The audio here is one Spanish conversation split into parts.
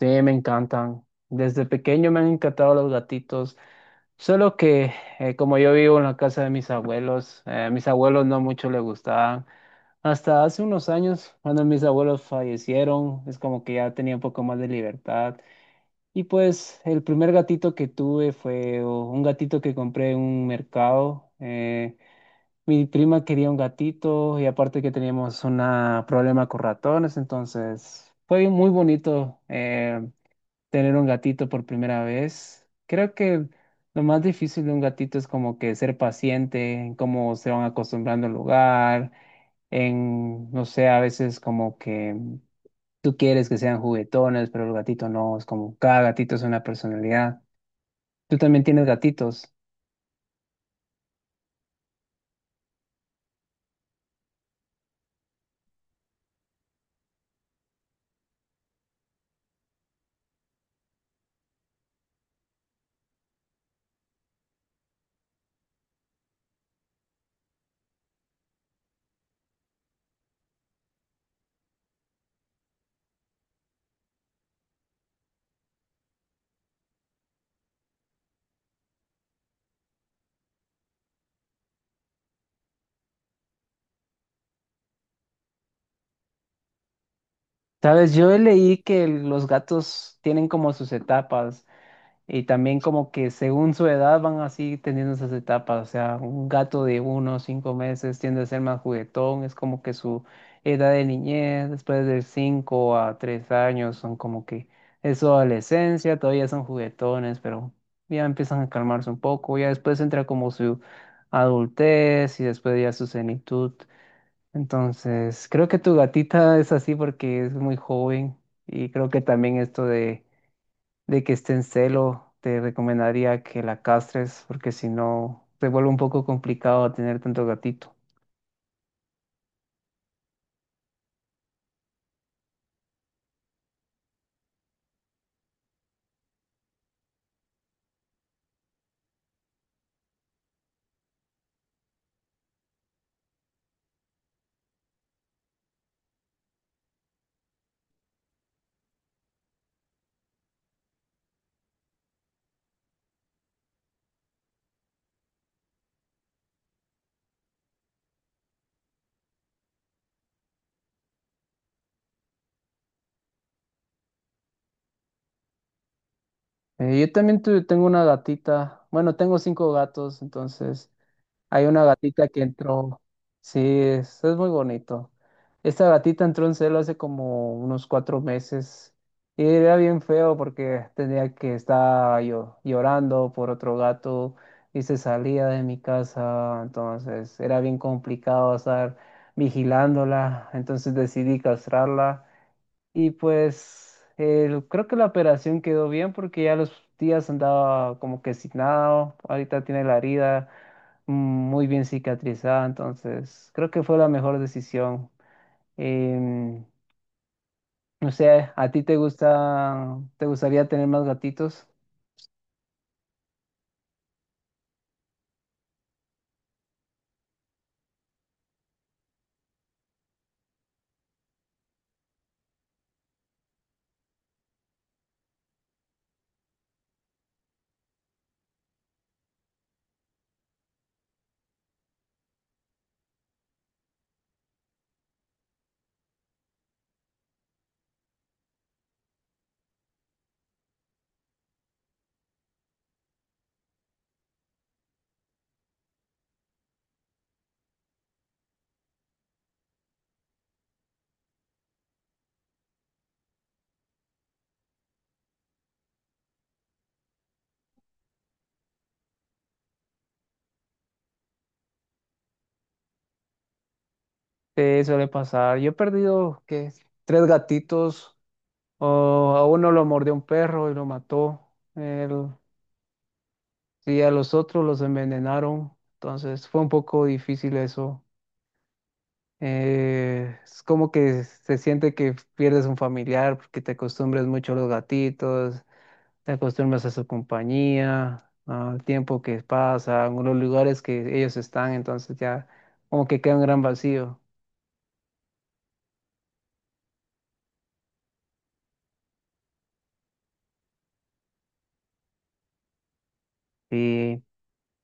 Sí, me encantan. Desde pequeño me han encantado los gatitos. Solo que como yo vivo en la casa de mis abuelos, a mis abuelos no mucho les gustaban. Hasta hace unos años, cuando mis abuelos fallecieron, es como que ya tenía un poco más de libertad. Y pues el primer gatito que tuve fue oh, un gatito que compré en un mercado. Mi prima quería un gatito y aparte que teníamos un problema con ratones, entonces fue muy bonito. Tener un gatito por primera vez. Creo que lo más difícil de un gatito es como que ser paciente, en cómo se van acostumbrando al lugar, en, no sé, a veces como que tú quieres que sean juguetones, pero el gatito no, es como cada gatito es una personalidad. Tú también tienes gatitos. Sabes, yo leí que los gatos tienen como sus etapas. Y también como que según su edad van así teniendo esas etapas, o sea, un gato de 1 o 5 meses tiende a ser más juguetón, es como que su edad de niñez, después de 5 a 3 años son como que es su adolescencia, todavía son juguetones, pero ya empiezan a calmarse un poco, ya después entra como su adultez y después ya su senitud. Entonces, creo que tu gatita es así porque es muy joven y creo que también esto de que esté en celo, te recomendaría que la castres, porque si no, se vuelve un poco complicado tener tanto gatito. Yo también tengo una gatita, bueno, tengo cinco gatos, entonces hay una gatita que entró. Sí, es muy bonito. Esta gatita entró en celo hace como unos 4 meses y era bien feo porque tenía que estar yo llorando por otro gato y se salía de mi casa. Entonces era bien complicado estar vigilándola. Entonces decidí castrarla y pues creo que la operación quedó bien porque ya los días andaba como que signado, ahorita tiene la herida muy bien cicatrizada, entonces creo que fue la mejor decisión. Em, no sé, ¿a ti te gusta, te gustaría tener más gatitos? Te suele pasar. Yo he perdido, ¿qué? Tres gatitos, o a uno lo mordió un perro y lo mató, el- y a los otros los envenenaron, entonces fue un poco difícil eso. Es como que se siente que pierdes un familiar porque te acostumbras mucho a los gatitos, te acostumbras a su compañía, al tiempo que pasa, a los lugares que ellos están, entonces ya como que queda un gran vacío. Y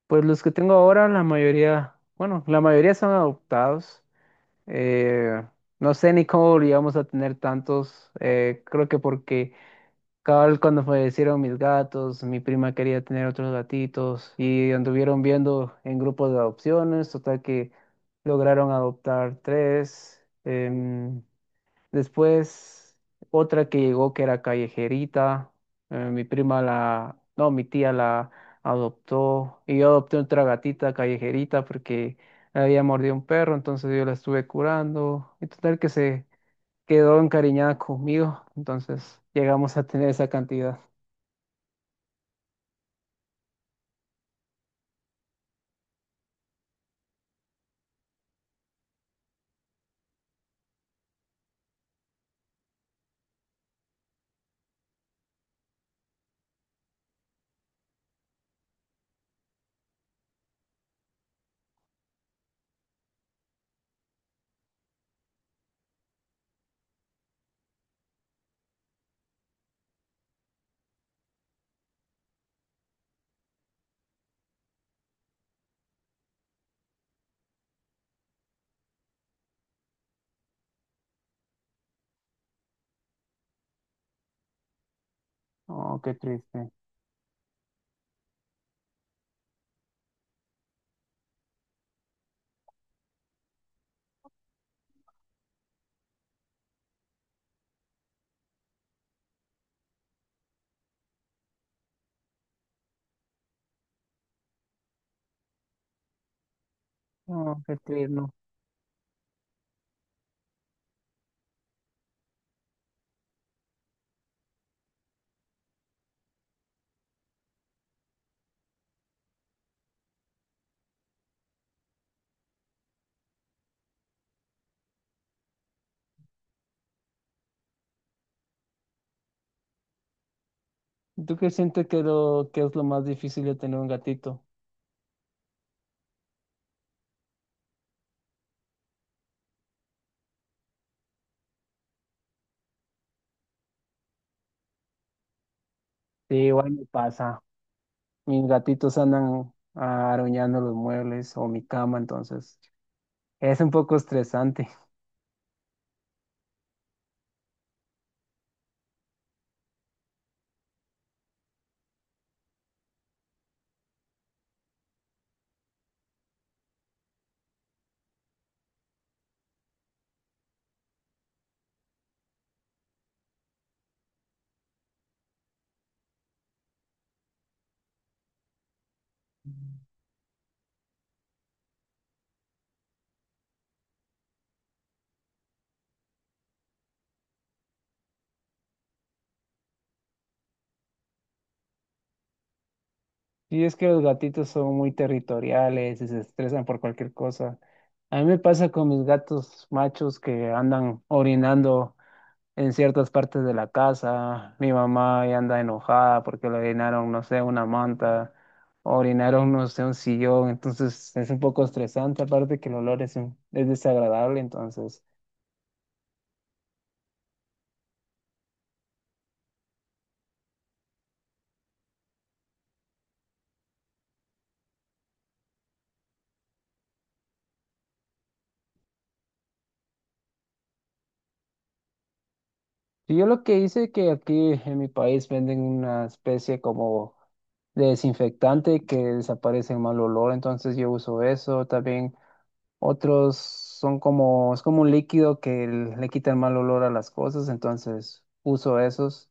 pues los que tengo ahora, la mayoría, bueno, la mayoría son adoptados. Eh, no sé ni cómo llegamos a tener tantos, creo que porque... Cabal, cuando fallecieron mis gatos, mi prima quería tener otros gatitos y anduvieron viendo en grupos de adopciones, total que lograron adoptar tres. Después, otra que llegó que era callejerita, mi prima la, no, mi tía la adoptó y yo adopté otra gatita callejerita porque la había mordido un perro, entonces yo la estuve curando y total que se quedó encariñada conmigo, entonces llegamos a tener esa cantidad. Oh, qué triste. Oh, qué tierno. ¿Y tú qué sientes que, lo, que es lo más difícil de tener un gatito? Sí, igual me pasa. Mis gatitos andan arañando los muebles o mi cama, entonces es un poco estresante. Sí, es que los gatitos son muy territoriales y se estresan por cualquier cosa. A mí me pasa con mis gatos machos que andan orinando en ciertas partes de la casa. Mi mamá ya anda enojada porque le orinaron, no sé, una manta, orinaron, no sé, un sillón. Entonces es un poco estresante, aparte que el olor es, es desagradable. Entonces, y yo lo que hice que aquí en mi país venden una especie como de desinfectante que desaparece el mal olor, entonces yo uso eso. También otros son como, es como un líquido que le quita el mal olor a las cosas, entonces uso esos.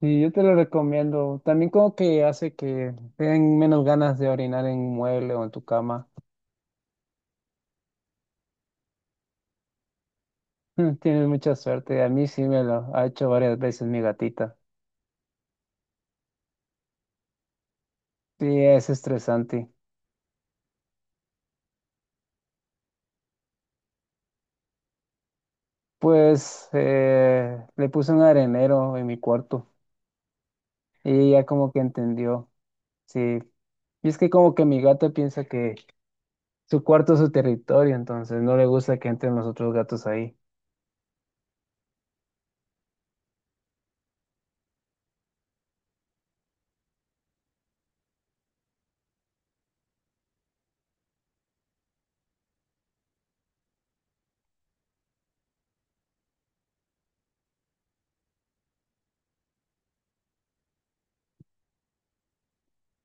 Sí, yo te lo recomiendo. También como que hace que tengan menos ganas de orinar en un mueble o en tu cama. Tienes mucha suerte. A mí sí me lo ha hecho varias veces mi gatita. Sí, es estresante. Pues le puse un arenero en mi cuarto y ya como que entendió. Sí. Y es que como que mi gata piensa que su cuarto es su territorio, entonces no le gusta que entren los otros gatos ahí.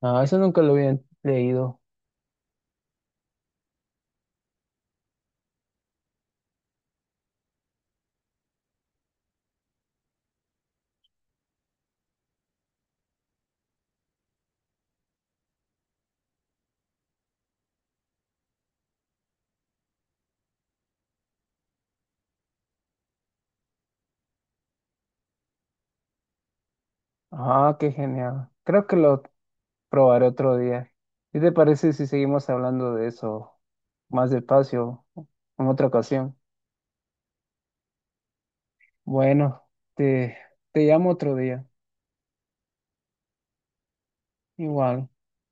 Ah, eso nunca lo había leído. Ah, qué genial. Creo que lo probaré otro día. ¿Qué te parece si seguimos hablando de eso más despacio en otra ocasión? Bueno, te, te llamo otro día. Igual.